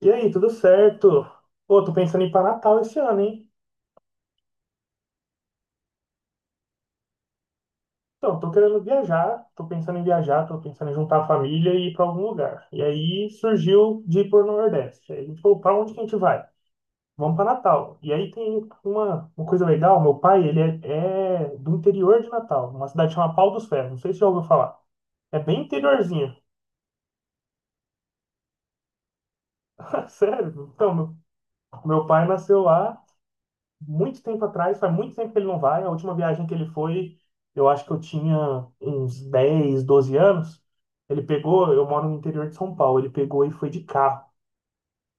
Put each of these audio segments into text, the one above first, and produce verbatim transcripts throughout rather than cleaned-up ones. E aí, tudo certo? Pô, tô pensando em ir pra Natal esse ano, hein? Então, tô querendo viajar, tô pensando em viajar, tô pensando em juntar a família e ir pra algum lugar. E aí surgiu de ir pro Nordeste. Aí a gente falou, pra onde que a gente vai? Vamos pra Natal. E aí tem uma, uma coisa legal, meu pai, ele é, é do interior de Natal, uma cidade chamada Pau dos Ferros, não sei se você já ouviu falar. É bem interiorzinho. Sério? Então, meu, meu pai nasceu lá muito tempo atrás, faz muito tempo que ele não vai. A última viagem que ele foi, eu acho que eu tinha uns dez doze anos. Ele pegou, eu moro no interior de São Paulo, ele pegou e foi de carro.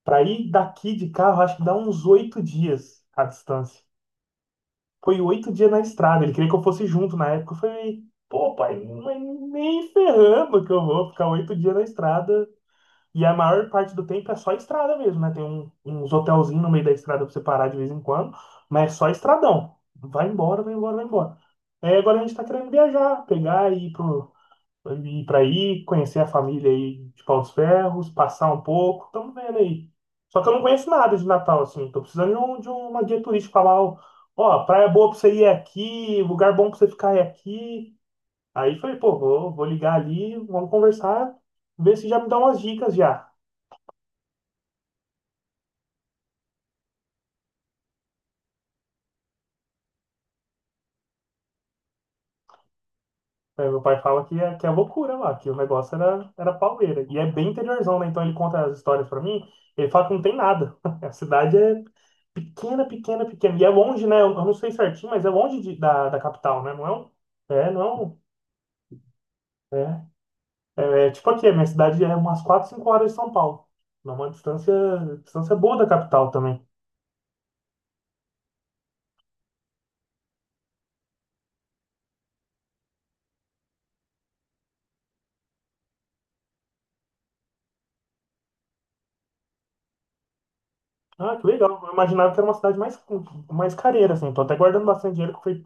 Para ir daqui de carro, acho que dá uns oito dias a distância. Foi oito dias na estrada, ele queria que eu fosse junto na época. Eu falei, pô, pai, mas nem ferrando que eu vou ficar oito dias na estrada, e a maior parte do tempo é só estrada mesmo, né? Tem um- uns hotelzinhos no meio da estrada pra você parar de vez em quando, mas é só estradão. Vai embora, vai embora, vai embora. É, agora a gente tá querendo viajar, pegar e ir pro, ir pra aí, conhecer a família aí de Paus Ferros, passar um pouco, estamos vendo aí. Só que eu não conheço nada de Natal, assim, tô precisando de, um, de uma guia turística falar, ó, ó, praia boa pra você ir é aqui, lugar bom pra você ficar é aqui. Aí falei, pô, vou, vou ligar ali, vamos conversar, ver se já me dá umas dicas já. É, meu pai fala que é, que é loucura lá, que o negócio era, era pauleira. E é bem interiorzão, né? Então ele conta as histórias pra mim, ele fala que não tem nada. A cidade é pequena, pequena, pequena. E é longe, né? Eu eu não sei certinho, mas é longe de- da, da capital, né? Não é um. É, não é um. É, é, é tipo aqui, a minha cidade é umas quatro cinco horas de São Paulo. Não é uma distância, distância boa da capital também. Ah, que legal. Eu imaginava que era uma cidade mais, mais careira, assim. Tô até guardando bastante dinheiro que foi.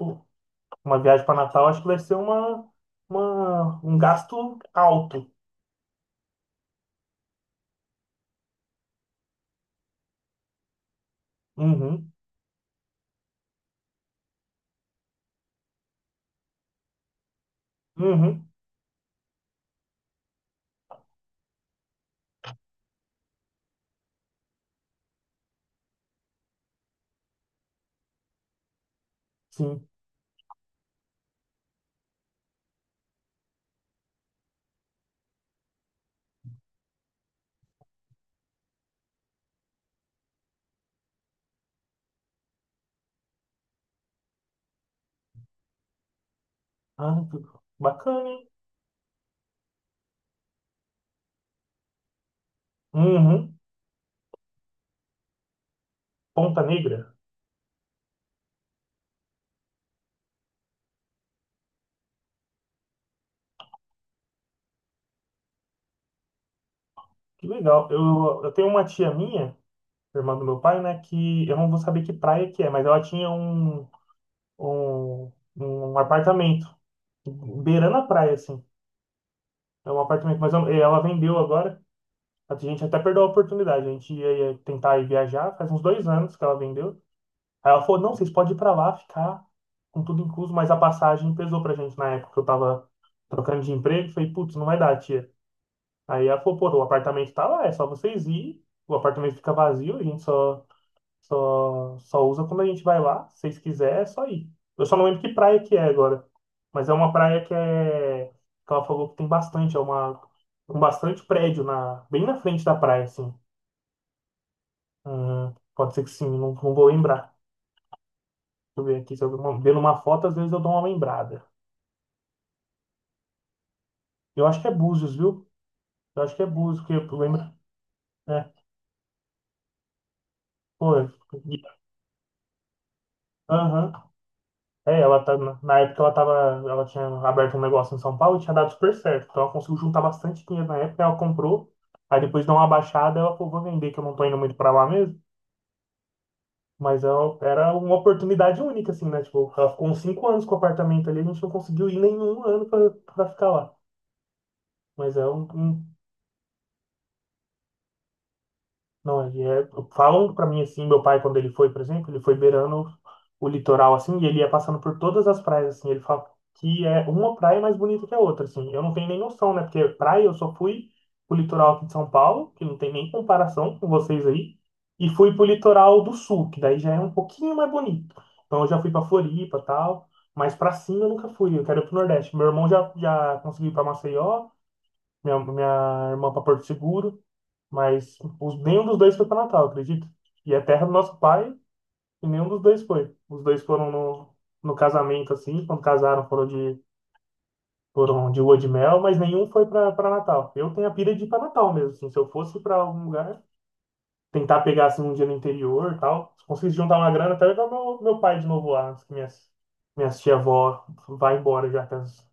Uma viagem para Natal acho que vai ser uma, uma, um gasto alto. Uhum, uhum, sim. Ah, que bacana, hein? Uhum. Ponta Negra. Que legal. Eu, eu tenho uma tia minha, irmã do meu pai, né? Que eu não vou saber que praia que é, mas ela tinha um, um, um apartamento beirando a praia, assim. É um apartamento, mas eu- ela vendeu agora. A gente até perdeu a oportunidade. A gente ia, ia tentar ir viajar, faz uns dois anos que ela vendeu. Aí ela falou, não, vocês podem ir pra lá ficar com tudo incluso, mas a passagem pesou pra gente na época que eu tava trocando de emprego. Falei, putz, não vai dar, tia. Aí ela falou, pô, o apartamento tá lá, é só vocês ir. O apartamento fica vazio, a gente só, só, só usa quando a gente vai lá. Se vocês quiserem, é só ir. Eu só não lembro que praia que é agora. Mas é uma praia que é. Que ela falou que tem bastante, é uma. Um bastante prédio na, bem na frente da praia, assim. Hum, pode ser que sim, não, não vou lembrar. Deixa eu ver aqui, se eu ver uma- vendo uma foto, às vezes eu dou uma lembrada. Eu acho que é Búzios, viu? Eu acho que é Búzios, porque eu lembro. É, foi eu- Aham. É, ela tá, na na época ela tava, ela tinha aberto um negócio em São Paulo e tinha dado super certo. Então ela conseguiu juntar bastante dinheiro na época, ela comprou. Aí depois deu uma baixada, ela falou, vou vender, que eu não tô indo muito pra lá mesmo. Mas ela, era uma oportunidade única, assim, né? Tipo, ela ficou uns cinco anos com o apartamento ali, a gente não conseguiu ir nenhum ano pra, pra ficar lá. Mas é um, um. Não, ele é, falam pra mim assim, meu pai quando ele foi, por exemplo, ele foi beirando o litoral assim, e ele ia passando por todas as praias assim, ele fala que é uma praia mais bonita que a outra assim. Eu não tenho nem noção, né? Porque praia eu só fui pro litoral aqui de São Paulo, que não tem nem comparação com vocês aí, e fui pro litoral do sul, que daí já é um pouquinho mais bonito. Então eu já fui pra Floripa, tal, mas pra cima eu nunca fui, eu quero ir pro Nordeste. Meu irmão já já conseguiu ir pra Maceió, minha minha irmã pra Porto Seguro. Mas os- nenhum dos dois foi para Natal, acredito. E é terra do nosso pai, e nenhum dos dois foi. Os dois foram no, no casamento, assim, quando casaram, foram de, foram de lua de mel, mas nenhum foi para Natal. Eu tenho a pira de ir para Natal mesmo, assim, se eu fosse para algum lugar, tentar pegar assim, um dia no interior e tal, se conseguisse juntar uma grana, até levar meu, meu pai de novo lá, antes que minhas, minhas tia-avó vá embora, já que elas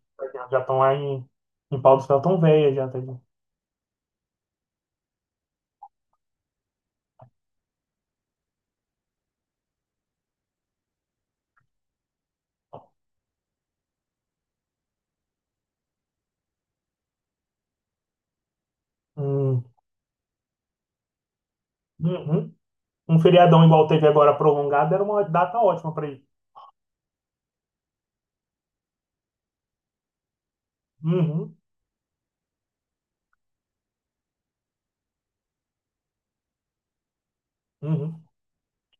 já estão lá em, em Pau do Céu, tão velha já, tá ligado? Hum, uhum. Um feriadão igual teve agora prolongado era uma data ótima para ir. Uhum, uhum.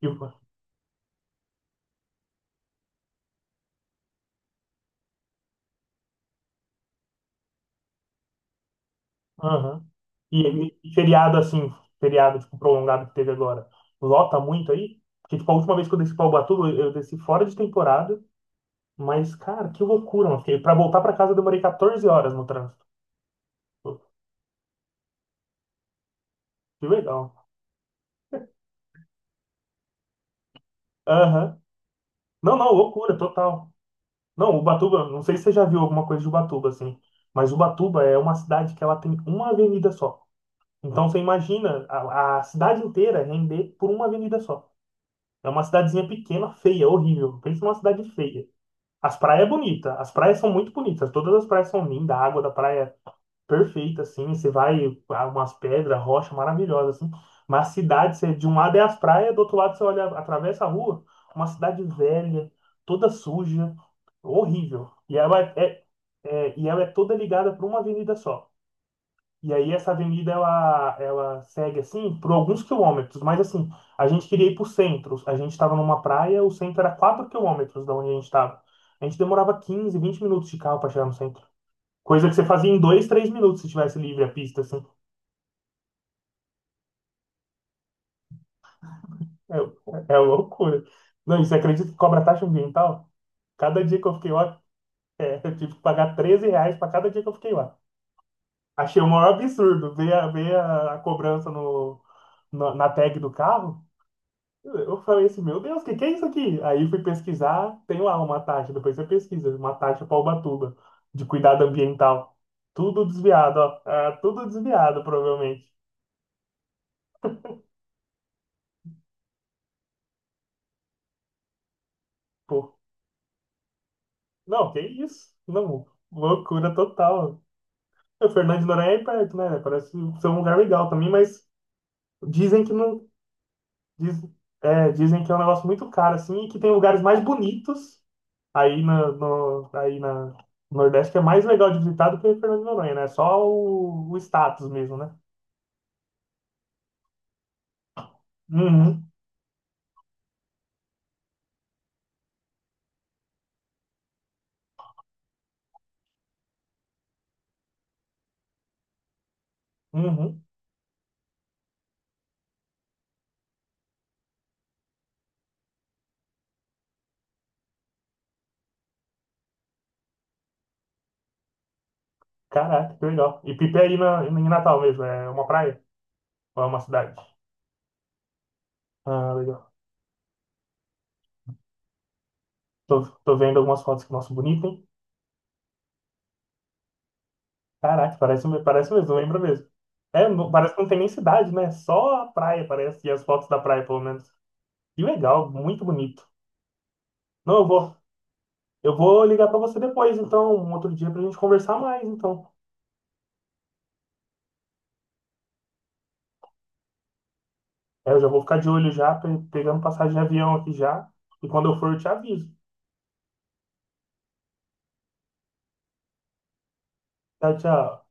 E, aham. E, e feriado assim, feriado tipo, prolongado que teve agora, lota muito aí? Porque tipo, a última vez que eu desci para Ubatuba, eu eu desci fora de temporada, mas cara, que loucura, mano. Para voltar para casa eu demorei quatorze horas no trânsito. Pô, que legal. Aham. Não, não, loucura total. Não, Ubatuba, não sei se você já viu alguma coisa de Ubatuba assim, mas Ubatuba é uma cidade que ela tem uma avenida só. Então você imagina a, a cidade inteira render por uma avenida só. É uma cidadezinha pequena, feia, horrível. Pensa numa cidade feia. As praias é bonita, as praias são muito bonitas, todas as praias são lindas, a água da praia é perfeita, assim, você vai, há umas pedras, rocha maravilhosa, assim. Mas a cidade, você, de um lado é as praias, do outro lado você olha, atravessa a rua, uma cidade velha, toda suja, horrível. E ela é, é- é, e ela é toda ligada por uma avenida só. E aí essa avenida ela, ela segue assim por alguns quilômetros, mas assim, a gente queria ir para o centro. A gente estava numa praia, o centro era quatro quilômetros da onde a gente estava. A gente demorava quinze vinte minutos de carro para chegar no centro. Coisa que você fazia em dois três minutos se tivesse livre a pista, assim. É, é loucura. Não, e você acredita que cobra taxa ambiental? Cada dia que eu fiquei lá, é, eu tive que pagar treze reais para cada dia que eu fiquei lá. Achei o maior absurdo ver a, ver a, a cobrança no, na, na tag do carro. Eu falei assim, meu Deus, o que que é isso aqui? Aí fui pesquisar, tem lá uma taxa, depois você pesquisa, uma taxa para Ubatuba, de cuidado ambiental. Tudo desviado, ó. Ah, tudo desviado, provavelmente. Pô, não, que isso? Não, loucura total. O Fernando de Noronha é aí perto, né? Parece ser um lugar legal também, mas dizem que não. diz- É, dizem que é um negócio muito caro, assim, e que tem lugares mais bonitos. Aí, na, no, aí na no Nordeste é mais legal de visitar do que Fernando de Noronha, né? Só o, o status mesmo, né? Uhum, uhum. Caraca, que legal. E Pipa é aí na, em Natal mesmo, é uma praia ou é uma cidade? Ah, legal. Tô, tô vendo algumas fotos que nossa, bonito, hein? Caraca, parece, parece mesmo, lembra mesmo. É, não- parece que não tem nem cidade, né? Só a praia, parece, e as fotos da praia, pelo menos. Que legal, muito bonito. Não, eu vou, eu vou ligar pra você depois, então, um outro dia pra gente conversar mais, então. É, eu já vou ficar de olho já, pe- pegando passagem de avião aqui já. E quando eu for, eu te aviso. Tchau, tchau.